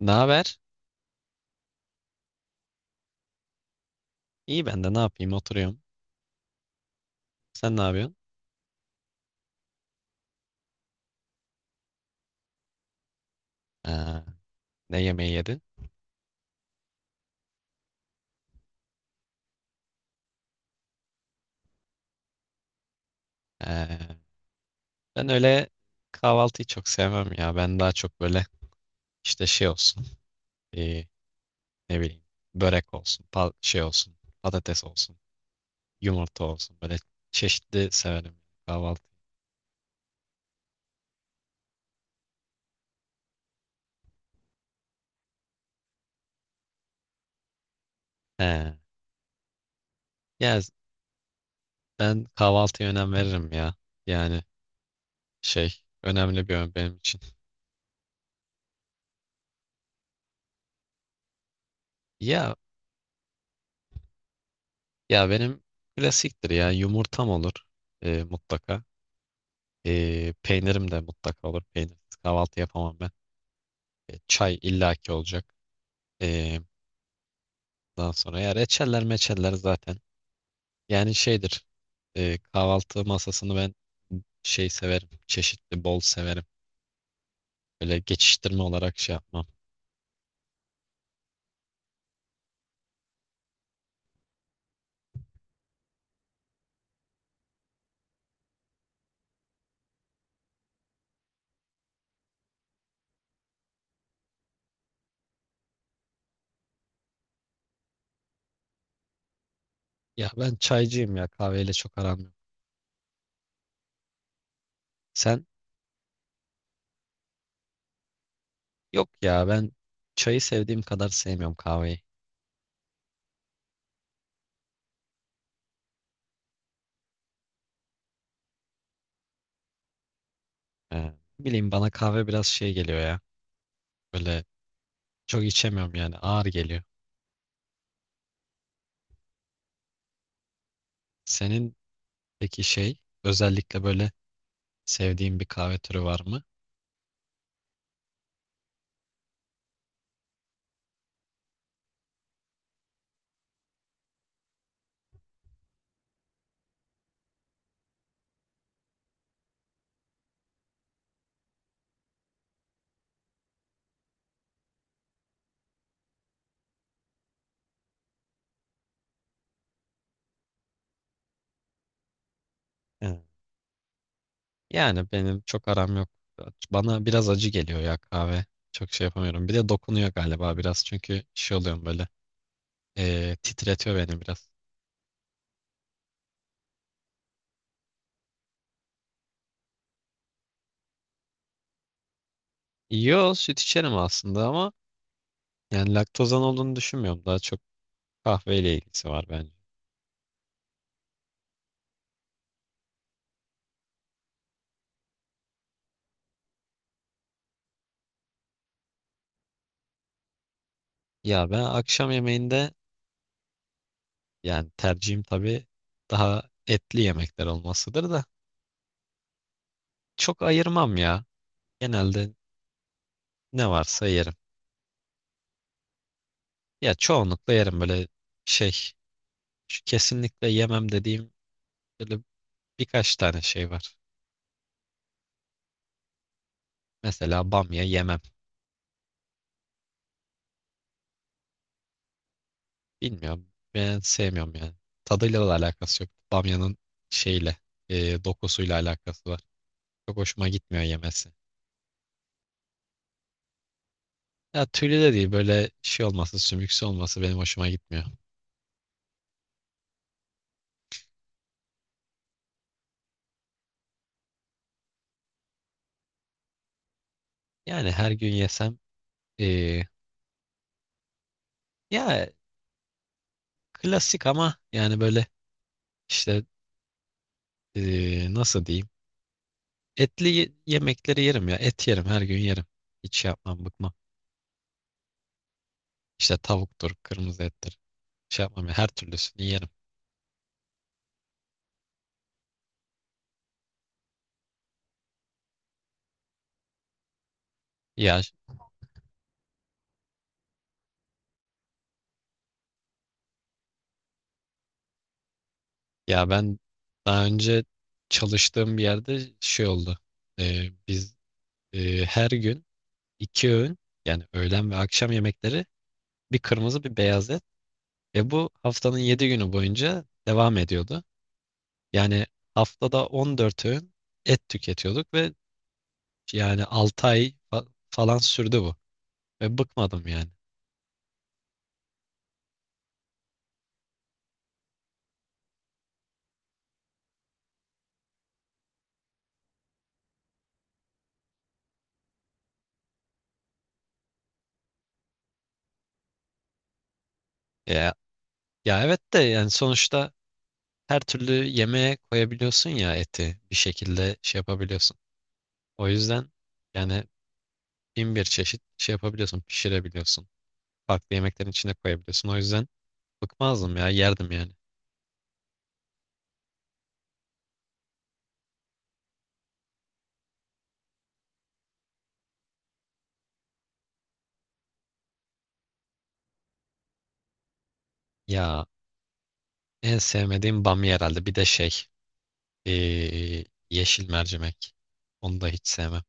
Ne haber? İyi ben de ne yapayım, oturuyorum. Sen ne yapıyorsun? Ha, ne yemeği yedin? Ha, ben öyle kahvaltıyı çok sevmem ya. Ben daha çok böyle işte şey olsun. e, Ne bileyim, börek olsun, şey olsun, patates olsun, yumurta olsun. Böyle çeşitli severim kahvaltı. He. Ya ben kahvaltıya önem veririm ya. Yani şey, önemli bir ön benim için. Ya, ya benim klasiktir ya, yumurtam olur mutlaka. Peynirim de mutlaka olur. Peynirsiz kahvaltı yapamam ben. E, çay illaki olacak. Ee, Daha sonra ya reçeller meçeller zaten. Yani şeydir. Kahvaltı masasını ben şey severim. Çeşitli bol severim. Böyle geçiştirme olarak şey yapmam. Ya ben çaycıyım ya. Kahveyle çok aram yok. Sen? Yok ya, ben çayı sevdiğim kadar sevmiyorum kahveyi. Ee, Bileyim, bana kahve biraz şey geliyor ya. Böyle çok içemiyorum yani, ağır geliyor. Senin peki şey, özellikle böyle sevdiğim bir kahve türü var mı? Evet. Yani benim çok aram yok. Bana biraz acı geliyor ya kahve. Çok şey yapamıyorum. Bir de dokunuyor galiba biraz. Çünkü şey oluyorum böyle. Titretiyor beni biraz. Yo, süt içerim aslında ama yani laktozan olduğunu düşünmüyorum. Daha çok kahveyle ilgisi var bence. Ya ben akşam yemeğinde, yani tercihim tabii daha etli yemekler olmasıdır da çok ayırmam ya. Genelde ne varsa yerim. Ya çoğunlukla yerim böyle şey, şu kesinlikle yemem dediğim böyle birkaç tane şey var. Mesela bamya yemem. Bilmiyorum. Ben sevmiyorum yani. Tadıyla da alakası yok. Bamyanın şeyle, dokusuyla alakası var. Çok hoşuma gitmiyor yemesi. Ya tüylü de değil, böyle şey olması, sümüksü olması benim hoşuma gitmiyor. Yani her gün yesem e, ya klasik ama yani böyle işte, nasıl diyeyim? Etli yemekleri yerim ya. Et yerim, her gün yerim. Hiç şey yapmam, bıkmam. İşte tavuktur, kırmızı ettir. Şey yapmam ya, her türlüsünü yerim. Ya ya ben daha önce çalıştığım bir yerde şey oldu. Biz her gün iki öğün, yani öğlen ve akşam yemekleri, bir kırmızı bir beyaz et ve bu haftanın yedi günü boyunca devam ediyordu. Yani haftada 14 öğün et tüketiyorduk ve yani 6 ay falan sürdü bu. Ve bıkmadım yani. Ya, ya evet de yani sonuçta her türlü yemeğe koyabiliyorsun ya, eti bir şekilde şey yapabiliyorsun. O yüzden yani bin bir çeşit şey yapabiliyorsun, pişirebiliyorsun. Farklı yemeklerin içine koyabiliyorsun. O yüzden bıkmazdım ya, yerdim yani. Ya, en sevmediğim bamya herhalde. Bir de şey, yeşil mercimek. Onu da hiç sevmem.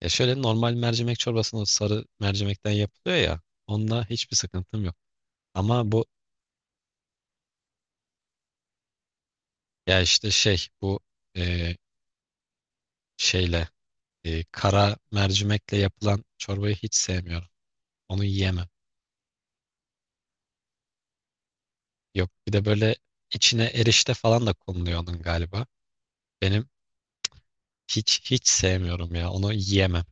Ya şöyle normal mercimek çorbasının o sarı mercimekten yapılıyor ya. Onunla hiçbir sıkıntım yok. Ama bu, ya işte şey bu, eee, şeyle, kara mercimekle yapılan çorbayı hiç sevmiyorum. Onu yiyemem. Yok, bir de böyle içine erişte falan da konuluyor onun galiba. Benim, hiç sevmiyorum ya. Onu yiyemem.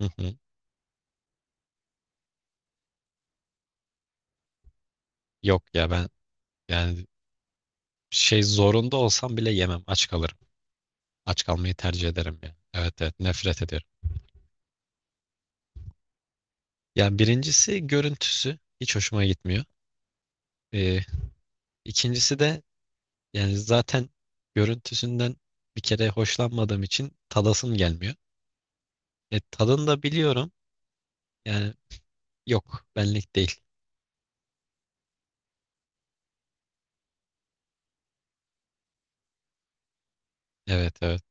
Hı hı. Yok ya ben yani şey, zorunda olsam bile yemem. Aç kalırım. Aç kalmayı tercih ederim yani. Evet, evet, nefret ediyorum. Yani birincisi görüntüsü hiç hoşuma gitmiyor. Ee, ikincisi de yani zaten görüntüsünden bir kere hoşlanmadığım için tadasım gelmiyor. E, tadını da biliyorum. Yani yok, benlik değil. Evet, evet.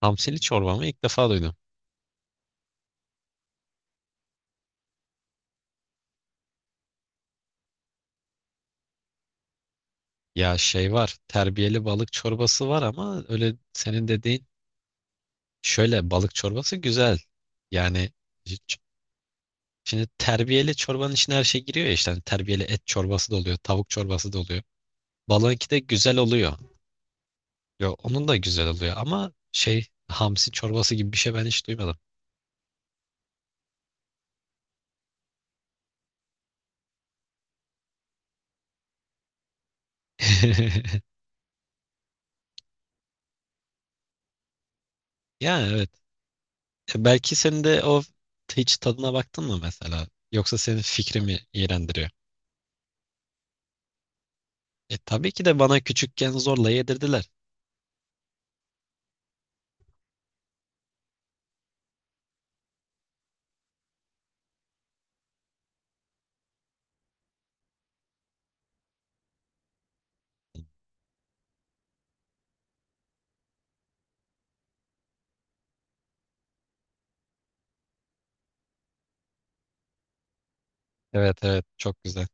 Hamsili çorbamı ilk defa duydum. Ya şey var, terbiyeli balık çorbası var ama öyle senin dediğin, şöyle balık çorbası güzel. Yani şimdi terbiyeli çorbanın içine her şey giriyor ya, işte hani terbiyeli et çorbası da oluyor, tavuk çorbası da oluyor. Balığınki de güzel oluyor. Yo, onun da güzel oluyor ama şey, hamsi çorbası gibi bir şey ben hiç duymadım. Yani evet. E, belki senin de o hiç tadına baktın mı mesela? Yoksa senin fikri mi iğrendiriyor? E tabii ki de bana küçükken zorla yedirdiler. Evet, evet çok güzel.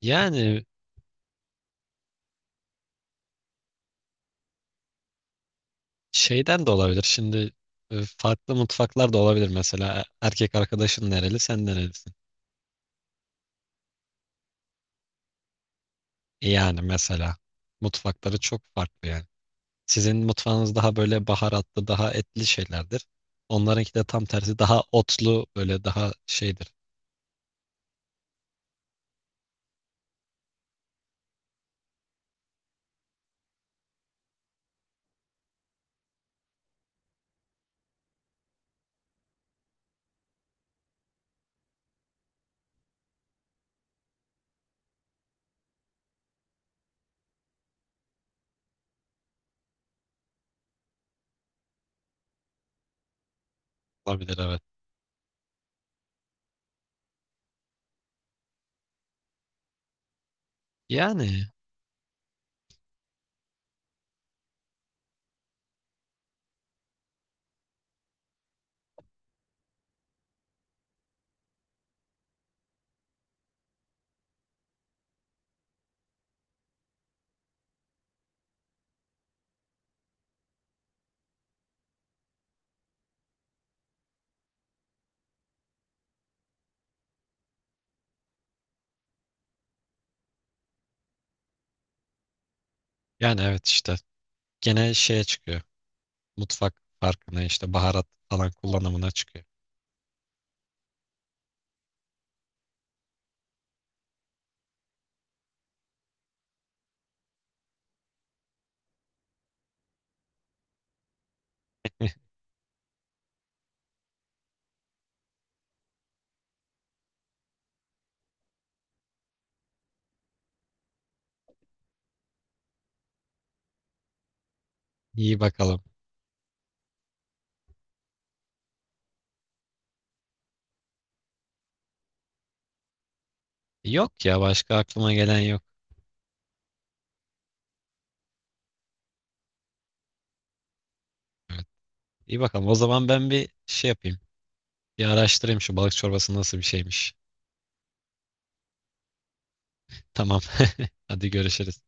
Yani şeyden de olabilir. Şimdi farklı mutfaklar da olabilir mesela. Erkek arkadaşın nereli, sen nerelisin? Yani mesela mutfakları çok farklı yani. Sizin mutfağınız daha böyle baharatlı, daha etli şeylerdir. Onlarınki de tam tersi daha otlu, böyle daha şeydir. Olabilir evet. Yani yani evet işte gene şeye çıkıyor. Mutfak farkına, işte baharat falan kullanımına çıkıyor. İyi bakalım. Yok ya, başka aklıma gelen yok. Evet. İyi bakalım. O zaman ben bir şey yapayım. Bir araştırayım şu balık çorbası nasıl bir şeymiş. Tamam. Hadi görüşürüz.